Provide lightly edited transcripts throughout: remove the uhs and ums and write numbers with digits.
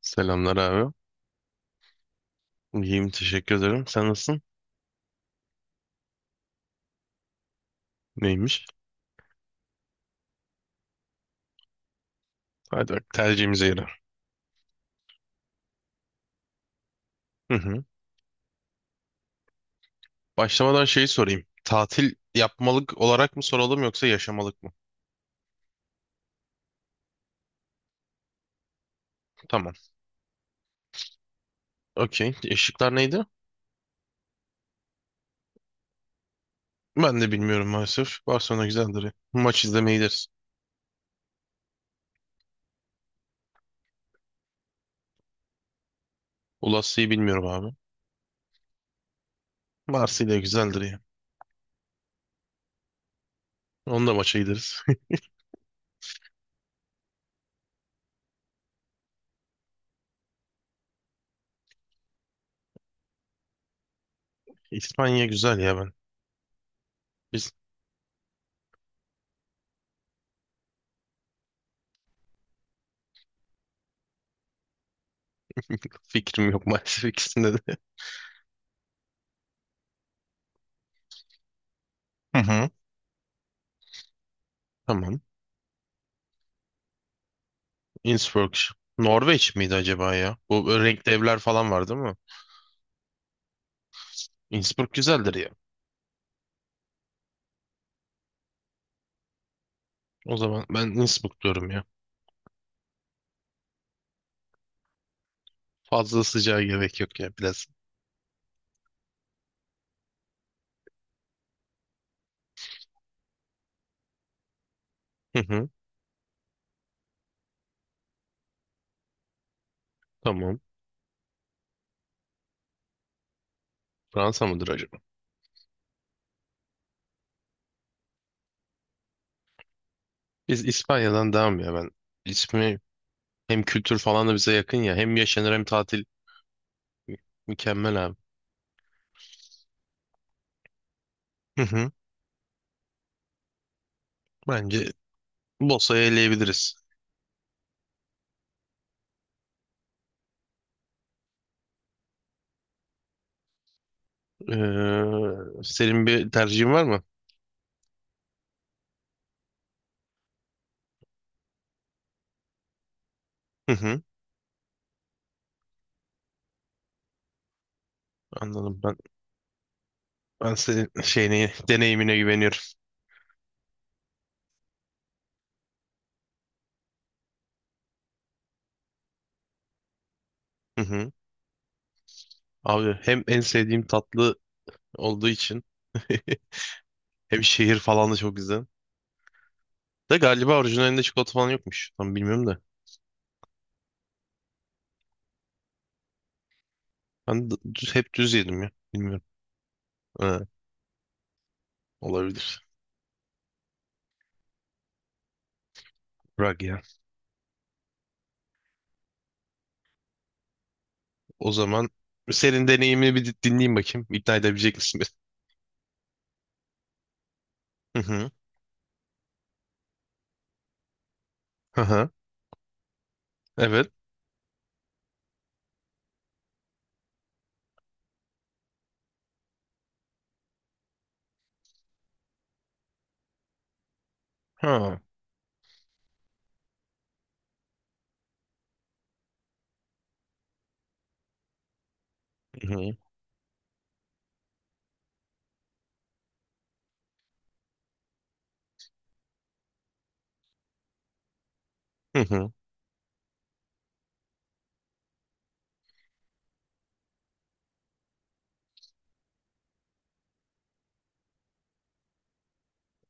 Selamlar abi. İyiyim teşekkür ederim. Sen nasılsın? Neymiş? Hadi bak tercihimize yarar. Hı hı. Başlamadan şeyi sorayım. Tatil yapmalık olarak mı soralım yoksa yaşamalık mı? Tamam. Okey. Işıklar neydi? Ben de bilmiyorum maalesef. Barcelona güzeldir ya. Maç izlemeye gideriz. Ulassi'yi bilmiyorum abi. Marsilya güzeldir ya. Onu da maça gideriz. İspanya güzel ya ben. Biz fikrim yok maalesef ikisinde de. Hı hı. Tamam. Innsbruck. Norveç miydi acaba ya? Bu renkli evler falan var değil mi? Innsbruck güzeldir ya. O zaman ben Innsbruck diyorum ya. Fazla sıcağa gerek yok ya biraz. Hı hı, tamam. Fransa mıdır acaba? Biz İspanya'dan devam ya ben. İsmi hem kültür falan da bize yakın ya. Hem yaşanır hem tatil. Mü- Mükemmel abi. Hı hı, bence Bosa'yı eleyebiliriz. Ee, senin bir tercihin var mı? Hı hı, anladım ben. Ben senin şeyine, deneyimine güveniyorum. Hı hı. Abi hem en sevdiğim tatlı olduğu için hem şehir falan da çok güzel. De galiba orijinalinde çikolata falan yokmuş. Tam bilmiyorum da. Düz, hep düz yedim ya. Bilmiyorum. Ha, olabilir. Rag ya. O zaman senin deneyimini bir dinleyeyim bakayım. İkna edebilecek misin beni? Hı hı. Hı hı. Evet. Ha. Hı hı. Hı hı.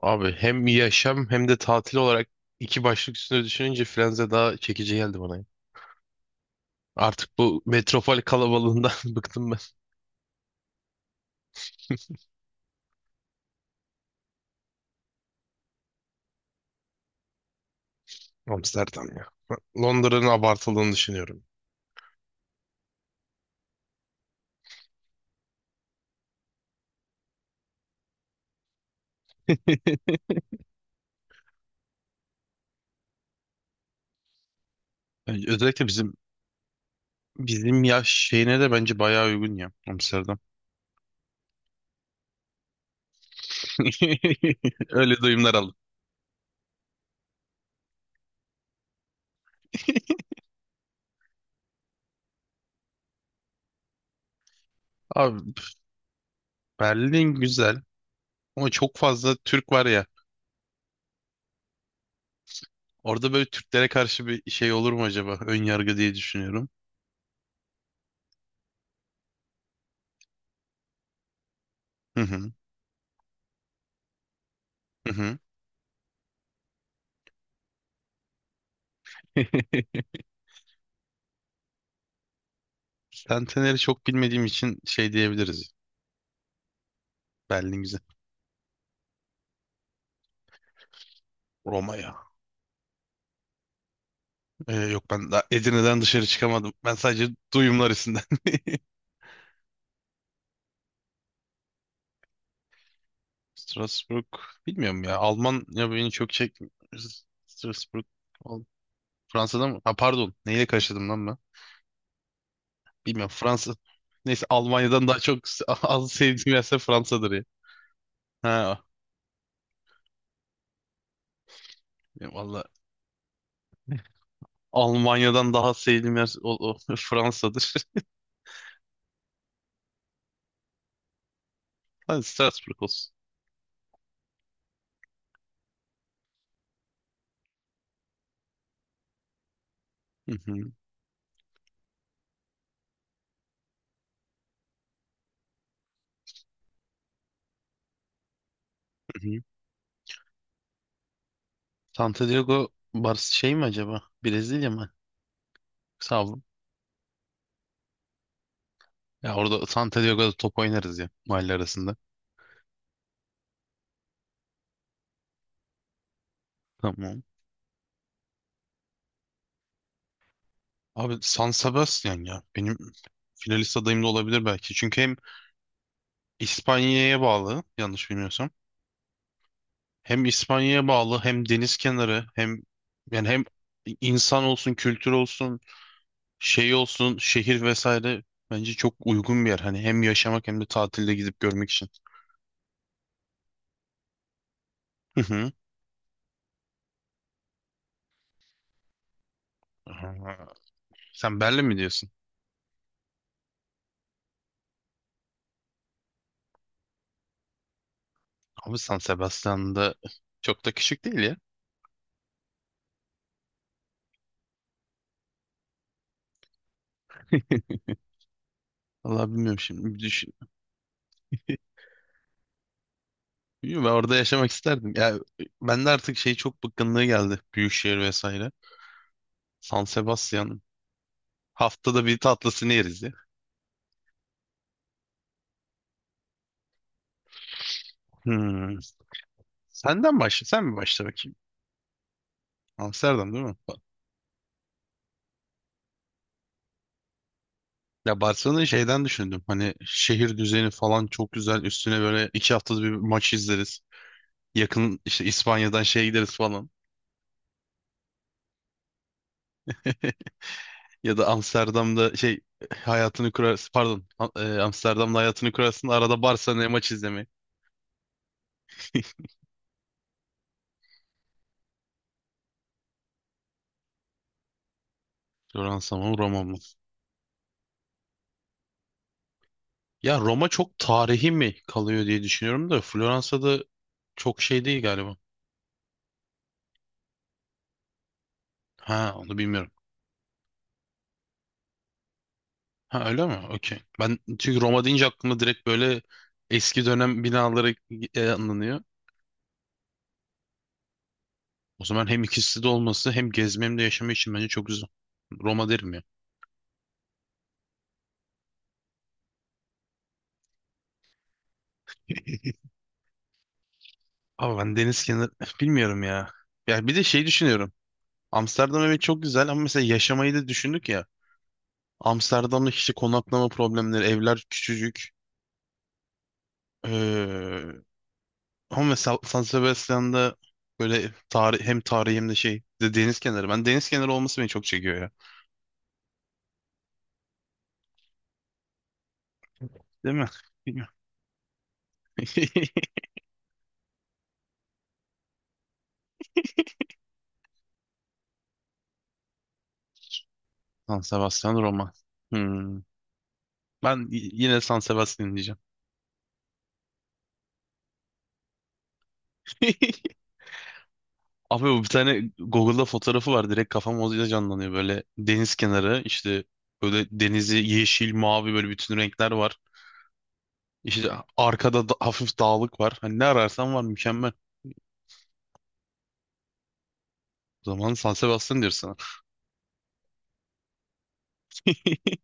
Abi hem yaşam hem de tatil olarak iki başlık üstüne düşününce Frenze daha çekici geldi bana. Ya. Artık bu metropol kalabalığından bıktım ben. Amsterdam ya. Londra'nın abartıldığını düşünüyorum. Yani özellikle bizim yaş şeyine de bence bayağı uygun ya Amsterdam. Öyle duyumlar aldım. Abi Berlin güzel ama çok fazla Türk var ya. Orada böyle Türklere karşı bir şey olur mu acaba? Ön yargı diye düşünüyorum. Hı hı. Hı hı. Centenary'i çok bilmediğim için şey diyebiliriz. Berlin güzel. Roma ya. Yok ben daha Edirne'den dışarı çıkamadım. Ben sadece duyumlar üstünden. Strasbourg bilmiyorum ya. Alman ya beni çok çek Strasbourg Fransa'da mı? Ha, pardon. Neyle karıştırdım lan ben? Bilmiyorum. Fransa. Neyse Almanya'dan daha çok az sevdiğim yer ise Fransa'dır ya. Ha, ya valla Almanya'dan daha sevdiğim yer o Fransa'dır. Hadi Strasbourg olsun. Hı hı. Santo Diego Bar şey mi acaba? Brezilya mı? Sağ ol. Ya orada Santo Diego'da top oynarız ya mahalle arasında. Tamam. Abi San Sebastian ya. Benim finalist adayım da olabilir belki. Çünkü hem İspanya'ya bağlı yanlış bilmiyorsam. Hem İspanya'ya bağlı hem deniz kenarı hem yani hem insan olsun kültür olsun şey olsun şehir vesaire bence çok uygun bir yer. Hani hem yaşamak hem de tatilde gidip görmek için. Hı hı. Aa, sen Berlin mi diyorsun? Abi San Sebastian'da çok da küçük değil ya. Vallahi bilmiyorum şimdi. Bir düşün. Bilmiyorum, ben orada yaşamak isterdim. Ya ben de artık şey çok bıkkınlığı geldi. Büyükşehir vesaire. San Sebastian. Haftada bir tatlısını yeriz ya. Hmm. Senden başla. Sen mi başla bakayım? Amsterdam değil mi? Ya Barcelona'yı şeyden düşündüm. Hani şehir düzeni falan çok güzel. Üstüne böyle iki haftada bir maç izleriz. Yakın işte İspanya'dan şey gideriz falan. Ya da Amsterdam'da şey hayatını kurarsın. Pardon. Amsterdam'da hayatını kurarsın. Arada Barcelona'ya maç izlemeye. Floransa mı Roma mı? Ya Roma çok tarihi mi kalıyor diye düşünüyorum da Floransa'da çok şey değil galiba. Ha onu bilmiyorum. Ha öyle mi? Okey. Ben çünkü Roma deyince aklımda direkt böyle eski dönem binaları anlanıyor. O zaman hem ikisi de olması hem gezme hem de yaşama için bence çok güzel. Roma derim ya. Ama ben deniz kenarı bilmiyorum ya. Ya bir de şey düşünüyorum. Amsterdam evet çok güzel ama mesela yaşamayı da düşündük ya. Amsterdam'da işte konaklama problemleri, evler küçücük. Ee, ama mesela San Sebastian'da böyle tarih, hem tarihi hem de şey de deniz kenarı. Ben deniz kenarı olması beni çok çekiyor ya. Değil mi? Bilmiyorum. San Sebastian Roma. Hmm. Ben yine San Sebastian diyeceğim. Abi bu bir tane Google'da fotoğrafı var. Direkt kafam o canlanıyor. Böyle deniz kenarı işte böyle denizi yeşil, mavi böyle bütün renkler var. İşte arkada da hafif dağlık var. Hani ne ararsan var mükemmel. O zaman San Sebastian diyorsun